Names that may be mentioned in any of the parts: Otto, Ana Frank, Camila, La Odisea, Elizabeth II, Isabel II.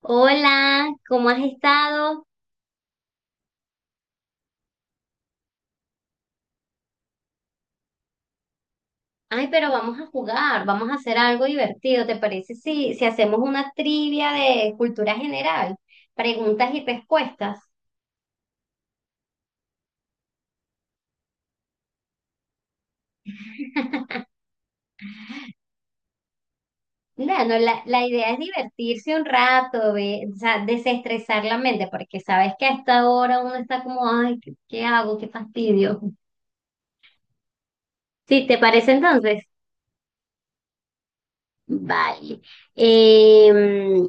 Hola, ¿cómo has estado? Ay, pero vamos a jugar, vamos a hacer algo divertido. ¿Te parece si hacemos una trivia de cultura general? Preguntas y respuestas. Bueno, la idea es divertirse un rato, o sea, desestresar la mente, porque sabes que a esta hora uno está como, ay, ¿qué hago? Qué fastidio. Sí, ¿te parece entonces? Vale. Em,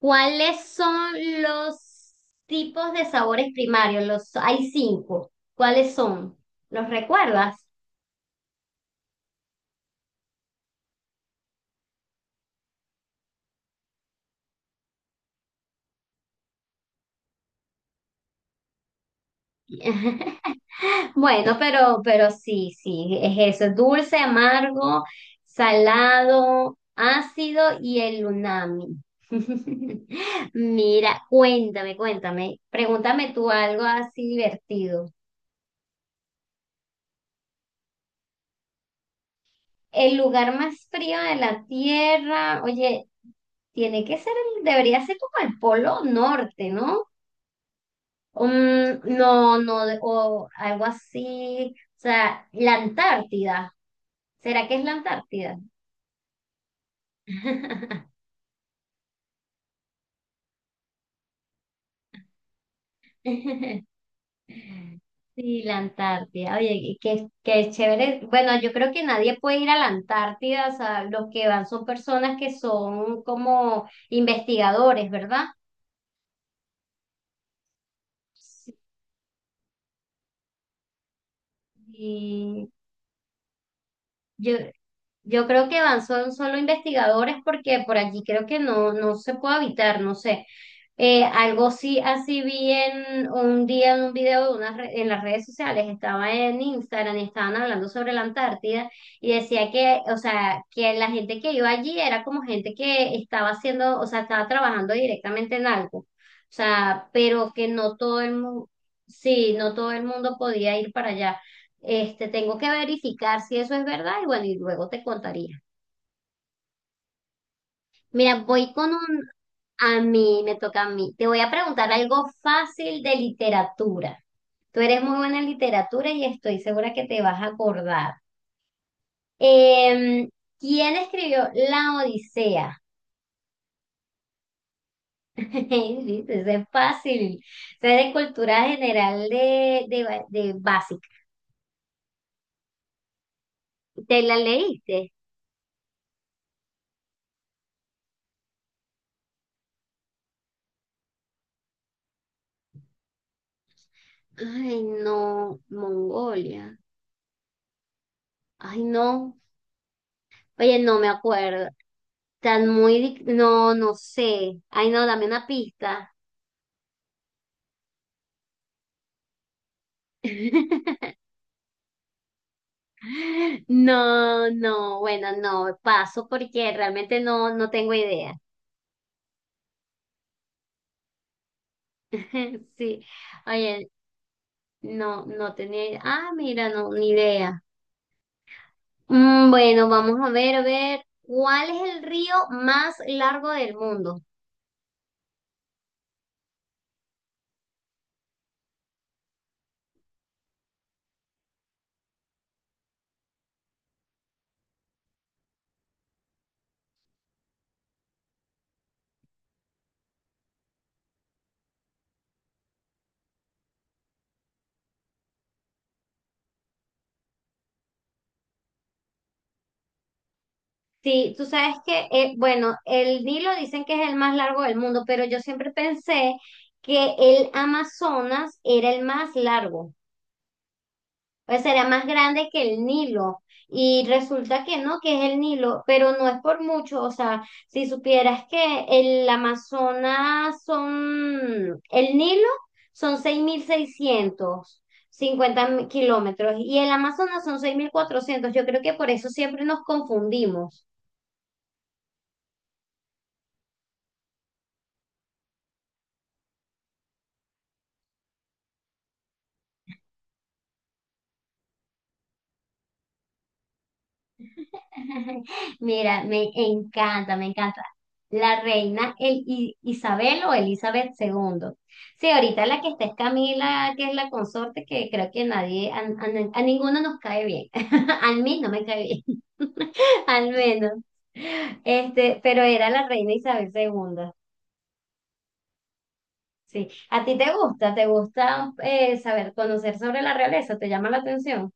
¿cuáles son los tipos de sabores primarios? Los, hay cinco. ¿Cuáles son? ¿Los recuerdas? Bueno, pero sí, sí, es eso. Dulce, amargo, salado, ácido y el umami. Mira, cuéntame, cuéntame. Pregúntame tú algo así divertido. El lugar más frío de la Tierra, oye, tiene que ser, debería ser como el Polo Norte, ¿no? Mm, no, no, o algo así, o sea, la Antártida. ¿Será que es la Antártida? Sí, la Antártida. Oye, y qué chévere. Bueno, yo creo que nadie puede ir a la Antártida, o sea, los que van son personas que son como investigadores, ¿verdad? Sí, Yo, yo creo que van son solo investigadores porque por allí creo que no se puede habitar, no sé. Algo sí, así vi en un día en un video de en las redes sociales, estaba en Instagram y estaban hablando sobre la Antártida y decía que, o sea, que la gente que iba allí era como gente que estaba haciendo, o sea, estaba trabajando directamente en algo, o sea, pero que no todo el mundo, sí, no todo el mundo podía ir para allá. Tengo que verificar si eso es verdad y bueno, y luego te contaría. Mira, voy con un. A mí, me toca a mí. Te voy a preguntar algo fácil de literatura. Tú eres muy buena en literatura y estoy segura que te vas a acordar. Em, ¿Quién escribió La Odisea? Sí, eso es fácil. O sea, de cultura general de básica. ¿Te la leíste? Ay, no, Mongolia. Ay, no. Oye, no me acuerdo. No, no sé. Ay, no, dame una pista. No, no, bueno, no, paso porque realmente no, no tengo idea. Sí, oye, no, no tenía idea. Ah, mira, no, ni idea. Mm, bueno, vamos a ver, ¿cuál es el río más largo del mundo? Sí, tú sabes que, bueno, el Nilo dicen que es el más largo del mundo, pero yo siempre pensé que el Amazonas era el más largo, o sea, era más grande que el Nilo. Y resulta que no, que es el Nilo, pero no es por mucho, o sea, si supieras que el Amazonas son, el Nilo son 6650 kilómetros y el Amazonas son 6400. Yo creo que por eso siempre nos confundimos. Mira, me encanta, me encanta. La reina Isabel o Elizabeth II. Sí, ahorita la que está es Camila, que es la consorte, que creo que nadie, a ninguno nos cae bien. A mí no me cae bien, al menos. Pero era la reina Isabel II. Sí. ¿A ti te gusta? ¿Te gusta saber, conocer sobre la realeza? ¿Te llama la atención?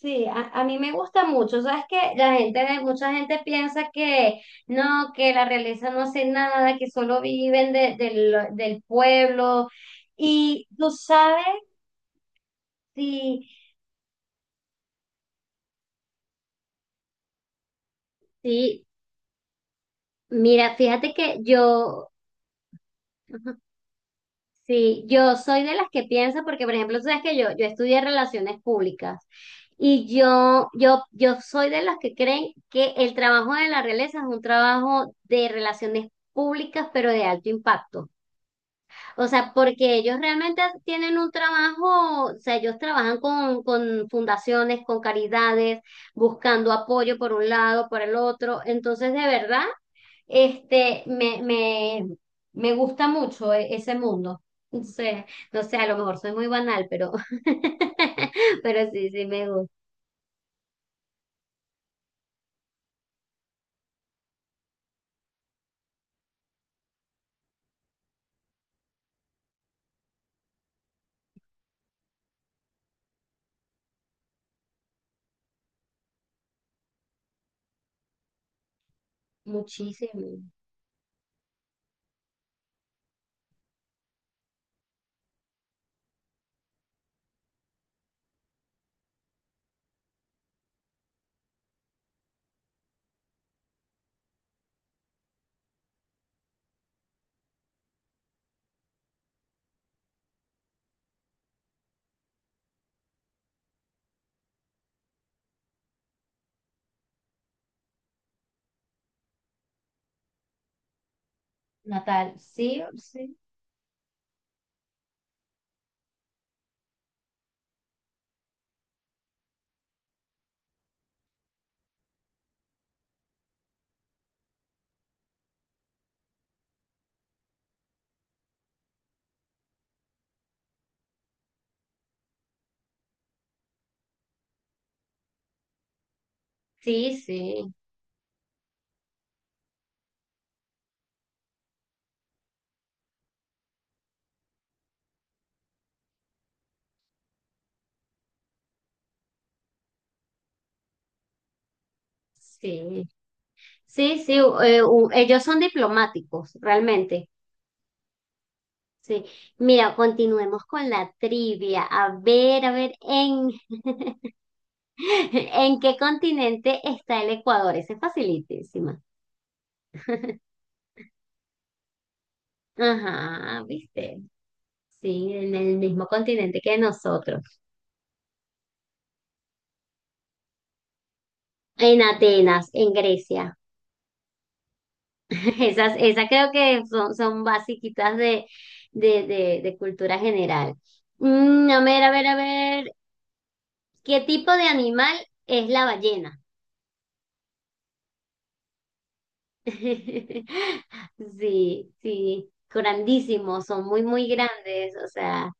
Sí, a mí me gusta mucho. Sabes que la gente, mucha gente piensa que no, que la realeza no hace nada, que solo viven del pueblo. Y tú sabes, sí, sí. Mira, fíjate que yo. Sí, yo soy de las que piensa, porque por ejemplo, tú sabes que yo estudié relaciones públicas y yo soy de las que creen que el trabajo de la realeza es un trabajo de relaciones públicas, pero de alto impacto. O sea, porque ellos realmente tienen un trabajo, o sea, ellos trabajan con, fundaciones, con caridades, buscando apoyo por un lado, por el otro. Entonces, de verdad. Este, me, me, me gusta mucho ese mundo. Entonces no sé, a lo mejor soy muy banal, pero, pero sí, sí me gusta muchísimo. Natal, sí, sí. Sí, sí, sí. Sí, sí, ellos son diplomáticos, realmente. Sí. Mira, continuemos con la trivia. A ver, ¿En qué continente está el Ecuador? Ese es facilitísima. Ajá, ¿viste? Sí, en el mismo continente que nosotros. En Atenas, en Grecia. Esas creo que son, basiquitas de cultura general. Mm, a ver, a ver, a ver. ¿Qué tipo de animal es la ballena? Sí, sí. Grandísimos, son muy, muy grandes. O sea,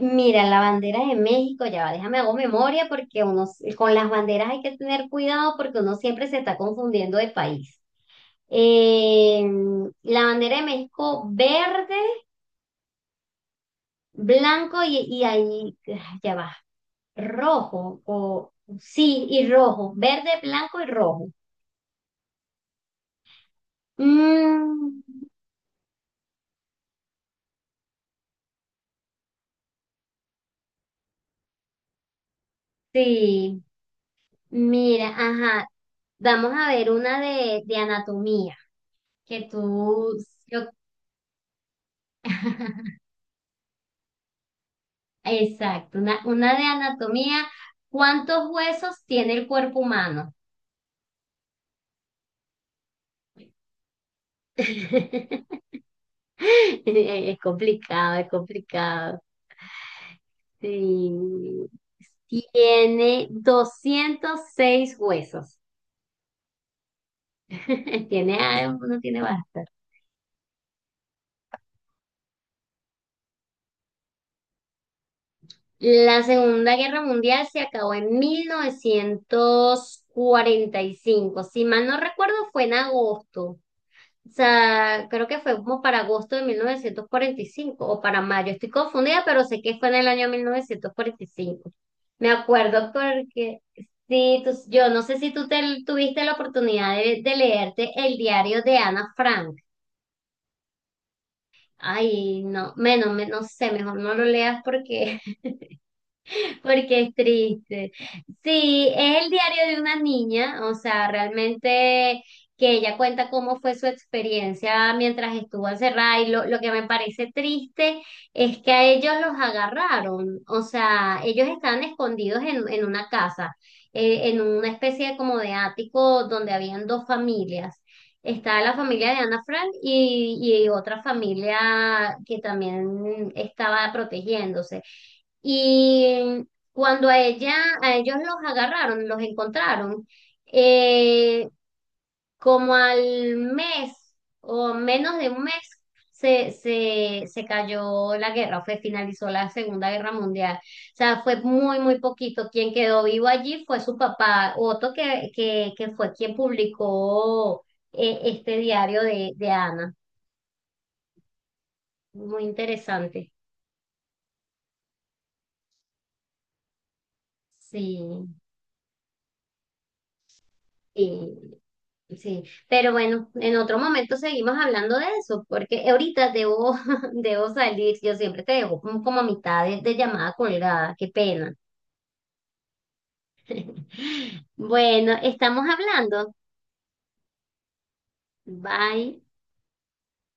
mira, la bandera de México, ya va, déjame hago memoria porque uno, con las banderas hay que tener cuidado porque uno siempre se está confundiendo de país. Eh, la bandera de México verde, blanco y ahí, ya va, rojo, o sí, y rojo, verde, blanco y rojo. Mm, sí, mira, ajá, vamos a ver una de anatomía, que tú, yo- exacto, una de anatomía, ¿cuántos huesos tiene el cuerpo humano? Es complicado, es complicado. Sí. Tiene 206 huesos. No tiene bastante. La Segunda Guerra Mundial se acabó en 1945. Si mal no recuerdo, fue en agosto. O sea, creo que fue como para agosto de 1945 o para mayo. Estoy confundida, pero sé que fue en el año 1945. Me acuerdo porque sí, yo no sé si tú tuviste la oportunidad de leerte el diario de Ana Frank. Ay, no, menos, no sé, mejor no lo leas porque. Porque es triste. Sí, es el diario de una niña, o sea, realmente que ella cuenta cómo fue su experiencia mientras estuvo encerrada y lo que me parece triste es que a ellos los agarraron, o sea, ellos estaban escondidos en una casa, en una especie de como de ático donde habían dos familias. Estaba la familia de Ana Frank y otra familia que también estaba protegiéndose. Y cuando a ellos los agarraron, los encontraron, eh, como al mes o menos de un mes se cayó la guerra, finalizó la Segunda Guerra Mundial. O sea, fue muy, muy poquito. Quien quedó vivo allí fue su papá, Otto, que fue quien publicó este diario de Ana. Muy interesante. Sí. Y sí, pero bueno, en otro momento seguimos hablando de eso, porque ahorita debo, debo salir, yo siempre te dejo como, a mitad de llamada colgada, qué pena. Bueno, estamos hablando. Bye.